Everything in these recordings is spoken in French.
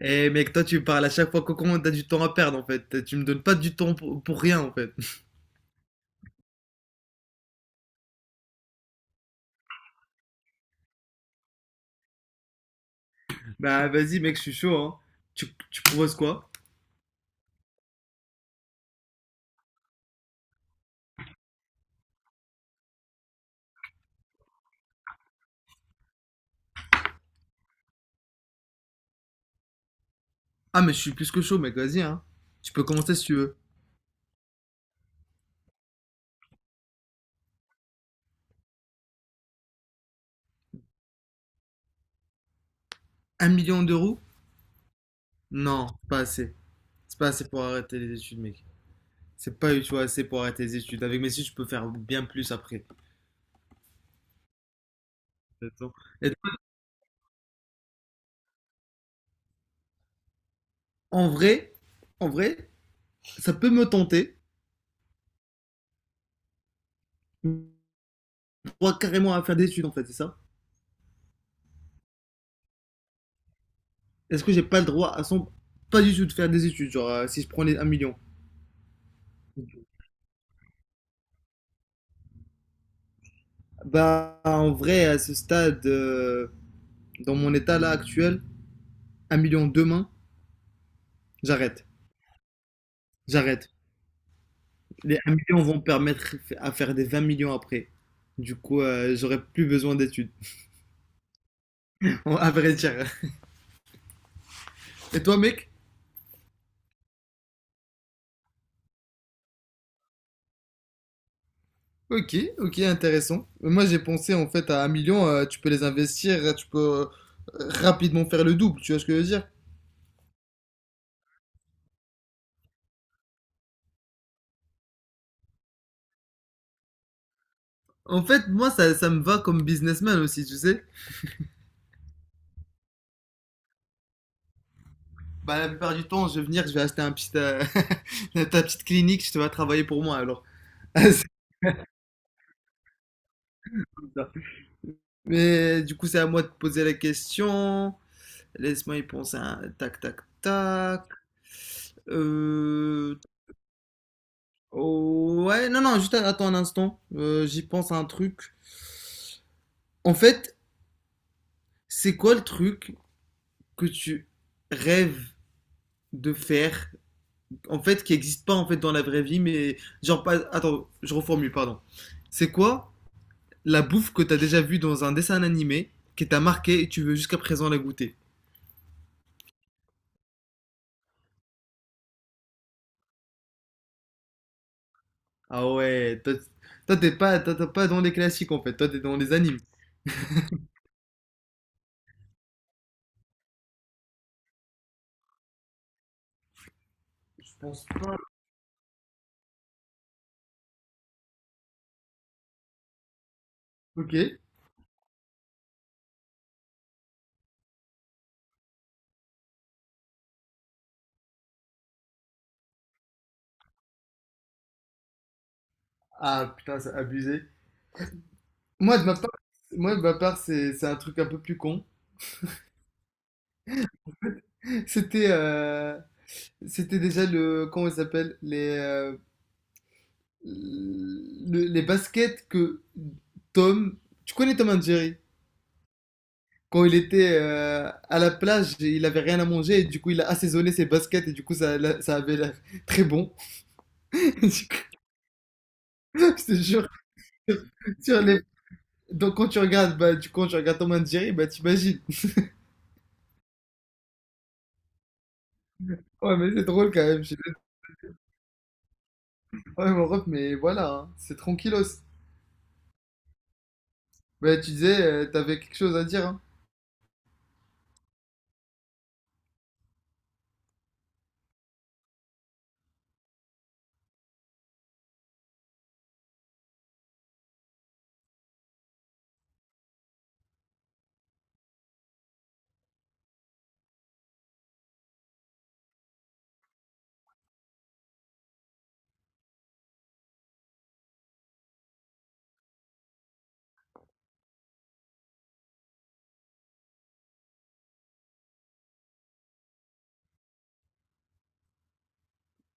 Eh mec, toi tu me parles à chaque fois que comment t'as du temps à perdre en fait. Tu me donnes pas du temps pour rien en fait. Bah vas-y mec, je suis chaud hein. Tu proposes quoi? Ah mais je suis plus que chaud mec, vas-y hein. Tu peux commencer si tu veux. 1 million d'euros? Non, c'est pas assez. C'est pas assez pour arrêter les études mec. C'est pas du tout assez pour arrêter les études. Avec mes études je peux faire bien plus après. Attends. Et en vrai, en vrai, ça peut me tenter. J'ai le droit carrément à faire des études en fait, c'est ça? Est-ce que j'ai pas le droit à son... Pas du tout de faire des études, genre si je prenais 1 million. Bah, en vrai, à ce stade, dans mon état là actuel, 1 million demain, j'arrête. J'arrête. Les 1 million vont me permettre à faire des 20 millions après. Du coup, j'aurai plus besoin d'études. À vrai dire. Et toi, mec? Ok, ok, intéressant. Moi, j'ai pensé en fait à 1 million, tu peux les investir, tu peux rapidement faire le double, tu vois ce que je veux dire? En fait, moi, ça me va comme businessman aussi, tu sais. Bah, la plupart du temps, je vais venir, je vais acheter un petit, ta petite clinique, je te vas travailler pour moi alors. C'est comme ça. Mais du coup, c'est à moi de poser la question. Laisse-moi y penser. Tac, tac, tac. Euh... oh, ouais, non, non, juste attends un instant. J'y pense à un truc. En fait, c'est quoi le truc que tu rêves de faire, en fait, qui n'existe pas en fait dans la vraie vie, mais genre pas. Attends, je reformule, pardon. C'est quoi la bouffe que t'as déjà vue dans un dessin animé qui t'a marqué et tu veux jusqu'à présent la goûter. Ah ouais, toi, t'es pas, toi, t'es pas dans les classiques en fait, toi t'es dans les animes. Je pense pas. Ok. Ah putain, c'est abusé. Moi de ma part, moi de ma part, c'est un truc un peu plus con. C'était euh, c'était déjà le comment il s'appelle les les baskets que Tom. Tu connais Tom and Jerry? Quand il était à la plage, il avait rien à manger et du coup il a assaisonné ses baskets et du coup ça avait l'air très bon. Du coup, je te jure, sur les- Donc quand tu regardes, bah, du coup, quand tu regardes Tom and Jerry, bah t'imagines. Ouais, mais c'est drôle quand même. J'ai ouais, mon ref, mais voilà, hein, c'est tranquillos. Bah tu disais, t'avais quelque chose à dire. Hein.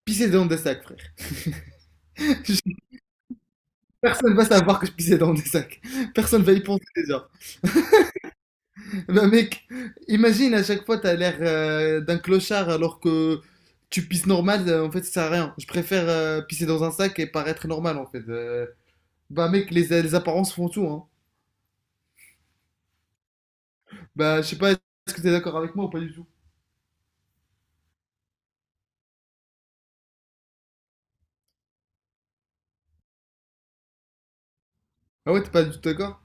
Pisser dans des sacs, frère. Personne va savoir que je pissais dans des sacs. Personne va y penser déjà. Ben mec, imagine à chaque fois t'as l'air d'un clochard alors que tu pisses normal, en fait ça sert à rien. Je préfère pisser dans un sac et paraître normal en fait. Bah mec, les apparences font tout hein. Bah je sais pas, est-ce que t'es d'accord avec moi ou pas du tout? Ah ouais, t'es pas du tout d'accord?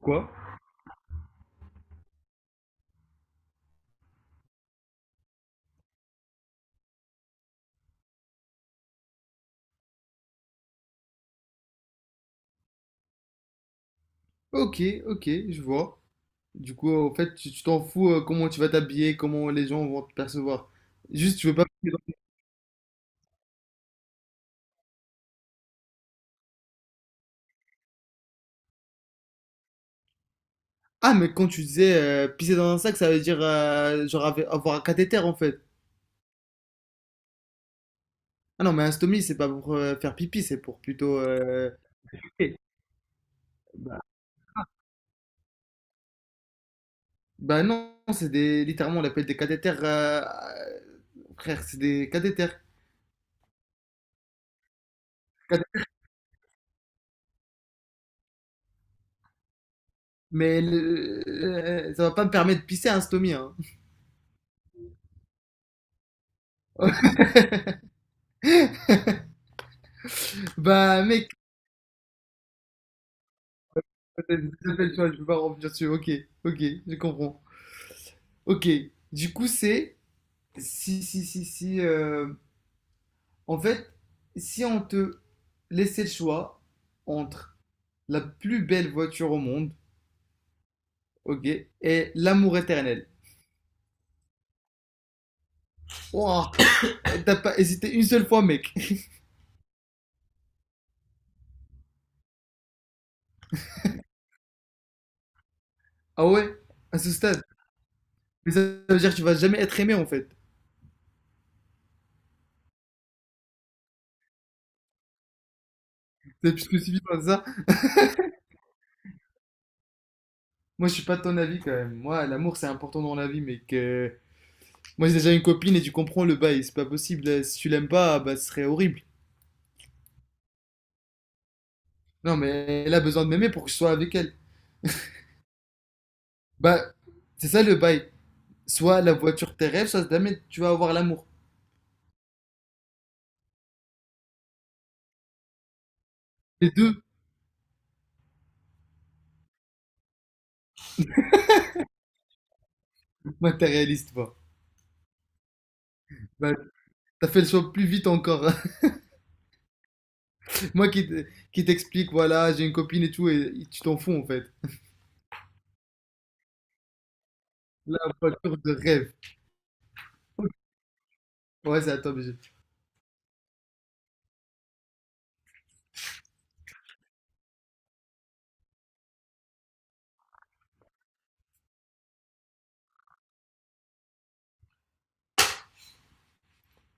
Quoi? Ok, ok, je vois. Du coup, en fait, tu t'en fous comment tu vas t'habiller, comment les gens vont te percevoir. Juste, tu veux pas pisser dans- Ah, mais quand tu disais pisser dans un sac, ça veut dire genre avoir un cathéter en fait. Ah non, mais un stomie, c'est pas pour faire pipi, c'est pour plutôt. Ok. Bah, bah non, c'est des. Littéralement, on l'appelle des cathéters. Frère, c'est des cathéters. Cath- Mais ça va pas me permettre de pisser un stomie. Hein. Bah mec, t'as fait le choix, je peux pas revenir dessus. Ok, ok, je comprends. Ok, du coup, c'est. Si, si, si, si. En fait, si on te laissait le choix entre la plus belle voiture au monde. Ok. Et l'amour éternel. Ouah, t'as pas hésité une seule fois, mec. Ah ouais? À ce stade. Mais ça veut dire que tu vas jamais être aimé, en fait. C'est plus que suffit par ça. Moi, je suis pas de ton avis, quand même. Moi, l'amour, c'est important dans la vie, mec. Moi, j'ai déjà une copine et tu comprends le bail. C'est pas possible. Si tu l'aimes pas, bah, ce serait horrible. Non, mais elle a besoin de m'aimer pour que je sois avec elle. Bah, c'est ça le bail. Soit la voiture de tes rêves, soit jamais tu vas avoir l'amour. Les deux matérialistes, toi. Bah, t'as fait le choix plus vite encore. Moi qui qui t'explique, voilà, j'ai une copine et tout, et tu t'en fous en fait. Là, voiture de rêve. Ouais, c'est à toi, BG.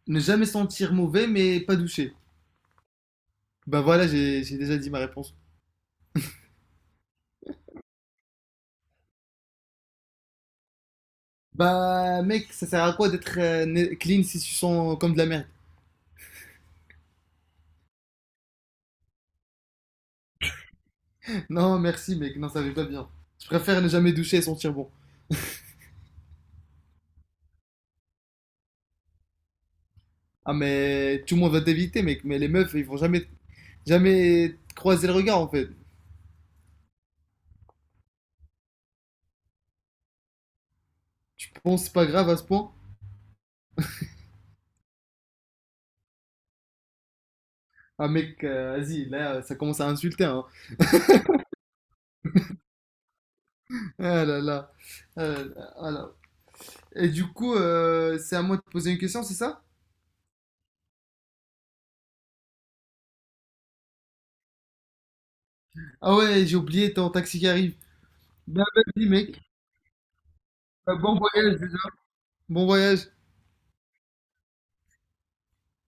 Ne jamais sentir mauvais, mais pas douché. Bah voilà, j'ai déjà dit ma réponse. Bah mec, ça sert à quoi d'être clean si tu sens comme de la merde? Non, merci mec, non, ça va pas bien. Je préfère ne jamais doucher et sentir bon. Ah mais tout le monde va t'éviter mec, mais les meufs, ils vont jamais, jamais te croiser le regard en fait. Tu penses pas grave à ce point? Ah mec, vas-y, là, ça commence à insulter, hein. Ah là là. Euh, alors. Et du coup, c'est à moi de poser une question, c'est ça? Ah ouais, j'ai oublié ton taxi qui arrive. Bah vas-y mec. Bah, bon voyage déjà. Bon voyage.